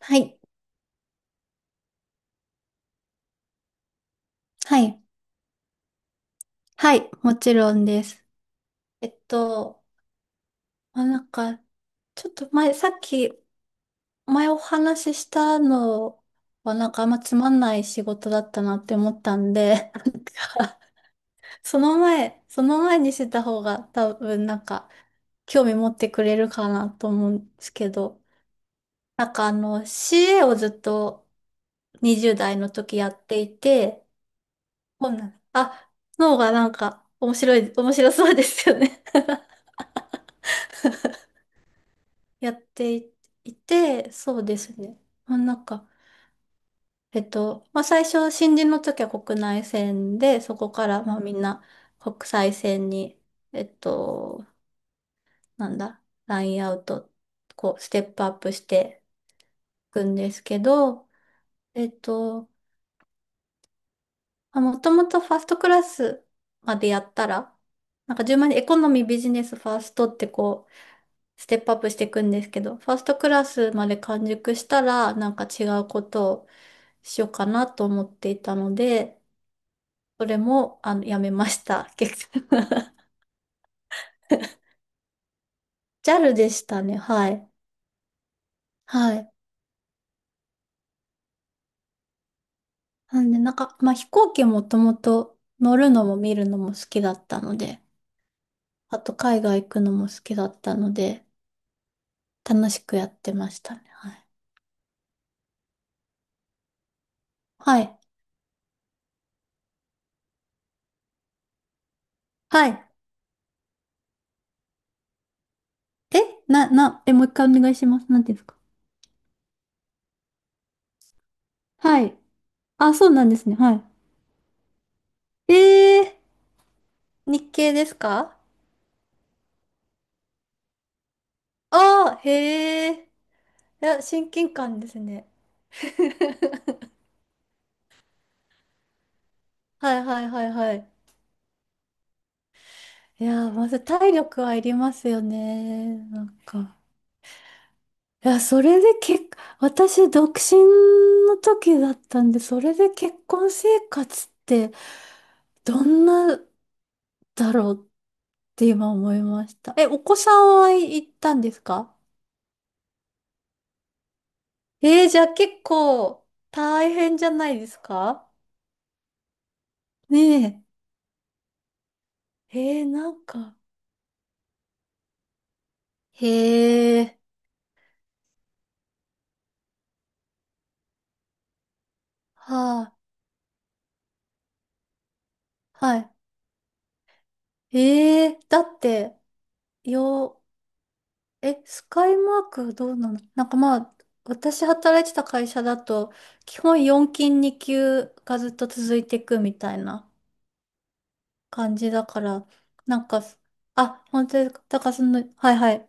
はい。はい。はい。もちろんです。えっと、まあ、なんか、ちょっと前、さっき、前お話ししたのは、なんかあんまつまんない仕事だったなって思ったんで、なんか、その前にしてた方が多分なんか、興味持ってくれるかなと思うんですけど、なんかあの、CA をずっと20代の時やっていて、こんなあ、の方がなんか面白い、面白そうですよね。やってい、いて、そうですね。まあ、なんか、まあ、最初、新人の時は国内線で、そこから、まあ、みんな国際線に、えっと、なんだ、ラインアウト、こう、ステップアップしていくんですけど、えっと、まあ、もともとファーストクラスまでやったら、なんか順番にエコノミー、ビジネス、ファーストってこう、ステップアップしていくんですけど、ファーストクラスまで完熟したら、なんか違うことを、しようかなと思っていたので、それも、あの、やめました。結局。 JAL でしたね。はい。はい。なんで、なんか、まあ、飛行機もともと乗るのも見るのも好きだったので、あと海外行くのも好きだったので、楽しくやってましたね。はい。はい。はい。え、え、もう一回お願いします。なんていうんですか？はい。あ、そうなんですね。はい。日系ですか？ああー、へえ。いや、親近感ですね。はいはいはいはい。いやー、まず体力はいりますよね。なんか。いや、それで結、私、独身の時だったんで、それで結婚生活って、どんなだろうって今思いました。え、お子さんは行ったんですか？じゃあ結構大変じゃないですか？ねえ。なんか。へえ。はあ。はい。ええだって、よ、スカイマークどうなの？なんかまあ、私働いてた会社だと、基本4勤2級がずっと続いていくみたいな感じだから、なんか、あ、本当ですか。だからその、はいはい。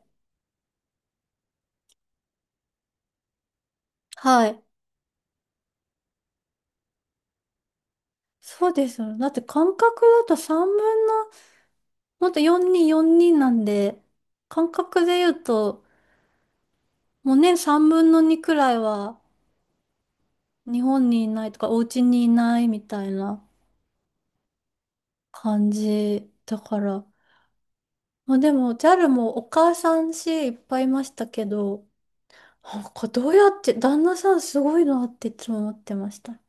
はい。そうですよね。だって感覚だと3分の、もっと4人なんで、感覚で言うと、もう年3分の2くらいは日本にいないとか、お家にいないみたいな。感じだから、まあ、でも JAL もお母さんしいっぱいいましたけど、なんかどうやって旦那さんすごいなっていつも思ってました。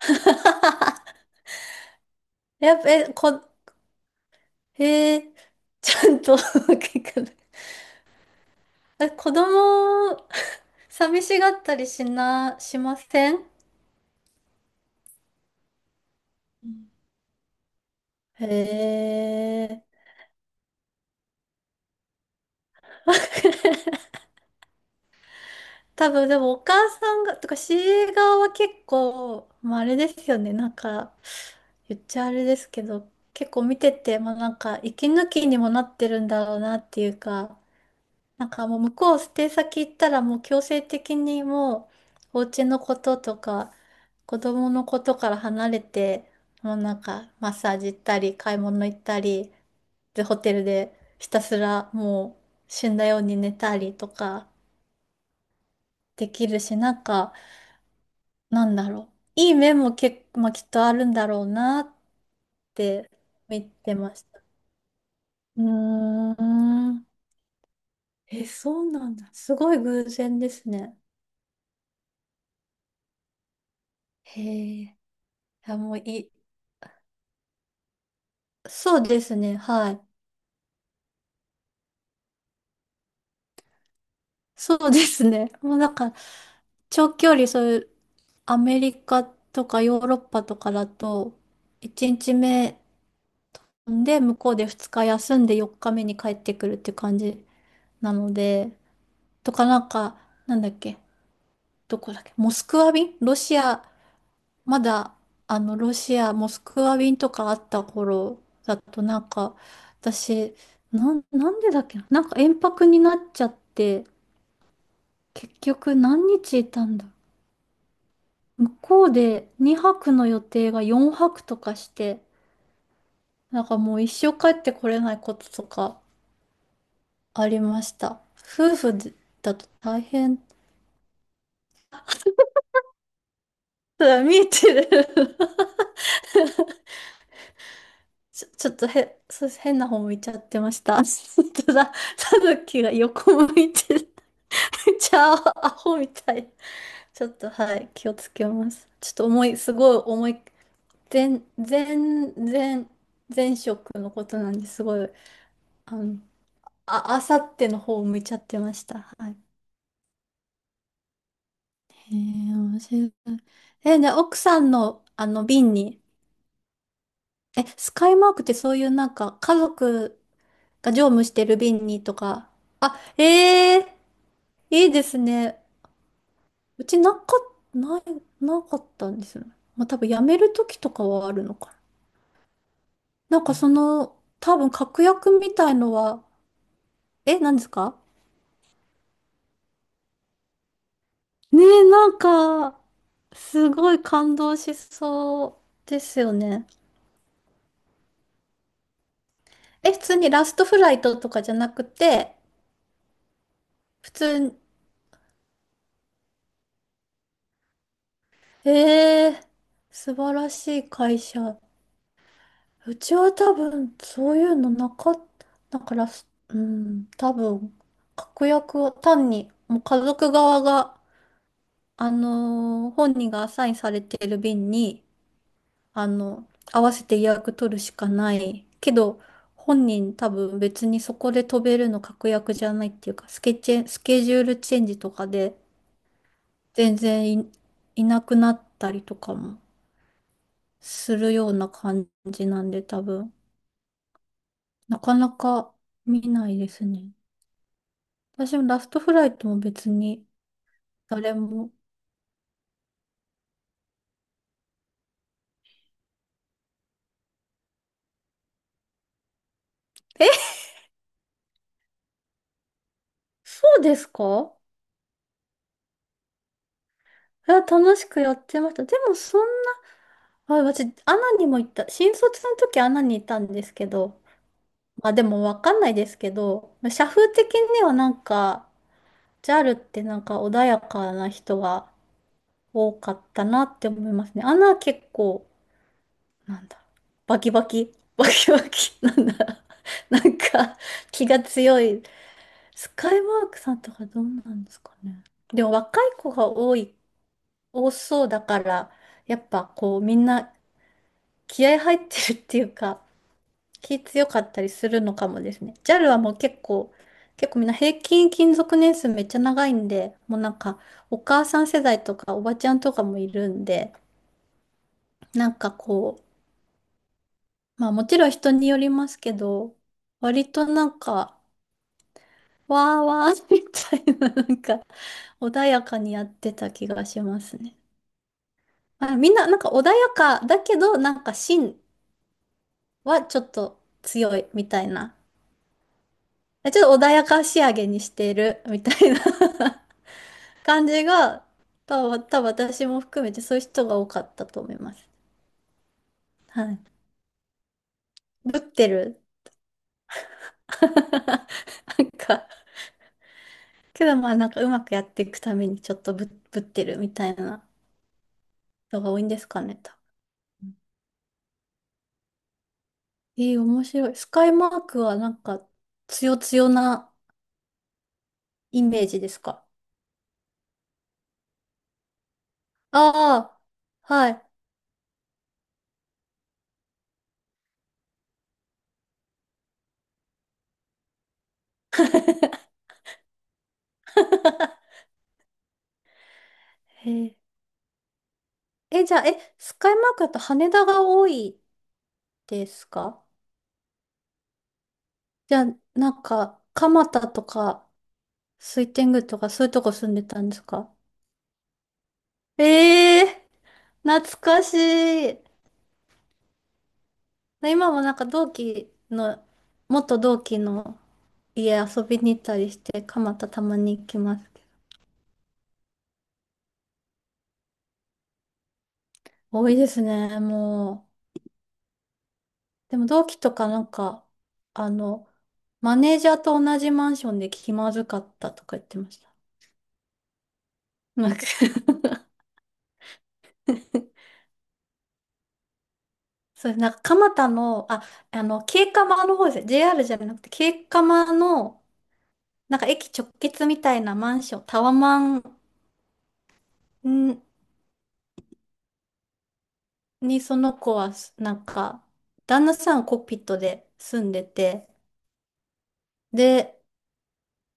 やっぱえこえーちゃんと 聞かない。え、子供寂しがったりしな、しません？うんへえ。 多分でもお母さんが、とかシーエー側は結構、まああれですよね、なんか、言っちゃあれですけど、結構見てて、まあなんか、息抜きにもなってるんだろうなっていうか、なんかもう向こう捨て先行ったらもう強制的にもう、お家のこととか、子供のことから離れて、もうなんか、マッサージ行ったり、買い物行ったり、で、ホテルでひたすらもう死んだように寝たりとかできるし、なんか、なんだろう。いい面も結構、まあ、きっとあるんだろうなって見てました。うーん。え、そうなんだ。すごい偶然ですね。へえ。あ、もういい。そうですね。はい。そうですね。もうなんか、長距離、そういう、アメリカとかヨーロッパとかだと、1日目で向こうで2日休んで4日目に帰ってくるっていう感じなので、とかなんか、なんだっけ、どこだっけ、モスクワ便ロシア、まだ、あの、ロシア、モスクワ便とかあった頃だと、なんか、私、なんでだっけな、なんか延泊になっちゃって、結局何日いたんだ。向こうで2泊の予定が4泊とかして、なんかもう一生帰ってこれないこととかありました。夫婦だと大変。そうだ、見えてる。ちょっとへ、そう変な方向いちゃってました。本当だ、たぬきが横向いてる。ちゃあ、アホみたい。ちょっと、はい、気をつけます。ちょっと重い、すごい重い、全、全、全、前職のことなんですごい、あの、あ、あさっての方向いちゃってました。はい。へえ、面白い。え、ね、奥さんの、あの、瓶に、え、スカイマークってそういうなんか、家族が乗務してる瓶にとか、あ、ええいいですね。うちなか、ない、なかったんですよね。まあ多分辞める時とかはあるのかな。なんかその、多分確約みたいのは、え、何ですか？ねえ、なんか、すごい感動しそうですよね。え、普通にラストフライトとかじゃなくて、普通に、えー、素晴らしい会社。うちは多分、そういうのなかった。だから、すうん、多分、確約を単に、もう家族側が、本人がアサインされている便に、あの、合わせて予約取るしかない。けど、本人多分別にそこで飛べるの確約じゃないっていうか、スケジュールチェンジとかで、全然いなくなったりとかもするような感じなんで、多分、なかなか見ないですね。私もラストフライトも別に誰も。え、そうですか？いや楽しくやってました。でもそんな、あ、私、アナにも行った。新卒の時アナにいたんですけど、まあでもわかんないですけど、社風的にはなんか、ジャルってなんか穏やかな人が多かったなって思いますね。アナは結構、なんだ、バキバキ、バキバキ、なんだ、なんか気が強い。スカイワークさんとかどうなんですかね。でも若い子が多そうだから、やっぱこうみんな気合入ってるっていうか、気強かったりするのかもですね。JAL はもう結構みんな平均勤続年数めっちゃ長いんで、もうなんかお母さん世代とかおばちゃんとかもいるんで、なんかこう、まあもちろん人によりますけど、割となんか、わーわーみたいな、なんか穏やかにやってた気がしますね。まあ、みんな、なんか穏やかだけど、なんか芯はちょっと強いみたいな。ちょっと穏やか仕上げにしてるみたいな 感じが、多分、多分私も含めてそういう人が多かったと思います。はい。ぶってる。なんか、けどまあなんかうまくやっていくためにちょっとぶってるみたいな人が多いんですかねと。面白い。スカイマークはなんか強強なイメージですか？ああー、はい。へえ、えじゃあ、え、スカイマークだと羽田が多いですか？じゃあ、なんか、蒲田とか、水天宮とか、そういうとこ住んでたんですか？ええー懐かしい。今もなんか同期の、元同期の家遊びに行ったりして、蒲田たまに行きますけど。多いですね、もう。でも同期とかなんか、あの、マネージャーと同じマンションで気まずかったとか言ってました。なんか そう、なんか蒲田の、あ、あの、京釜の方ですね。JR じゃなくて、京釜の、なんか駅直結みたいなマンション、タワマンんにその子は、なんか、旦那さんコックピットで住んでて、で、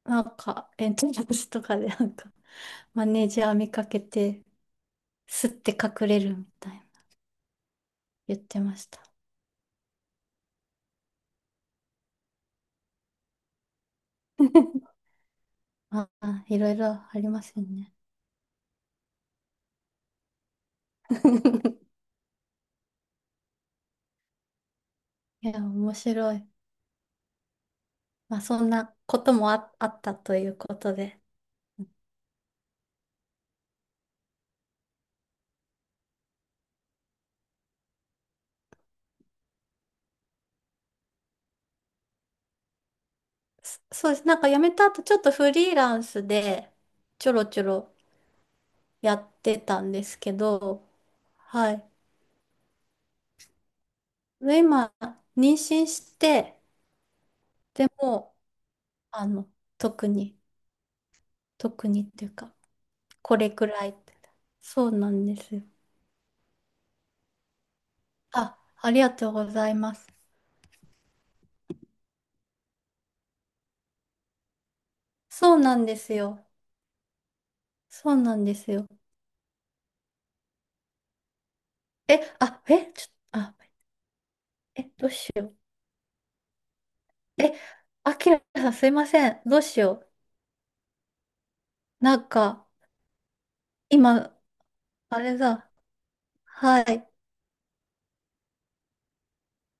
なんか、エントランスとかで、なんか、マネージャー見かけて、すって隠れるみたいな。言ってました。ああ、いろいろありますよね。いや、面白い。まあ、そんなこともあ、あったということで。そうです。なんか辞めた後、ちょっとフリーランスでちょろちょろやってたんですけど、はい。で、今、妊娠して、でも、あの、特に、特にっていうか、これくらいって。そうなんですよ。あ、ありがとうございます。そうなんですよ。そうなんですよ。え、あ、え、あ、え、どうしよう。え、あきらさんすいません。どうしよう。なんか、今、あれだ。はい。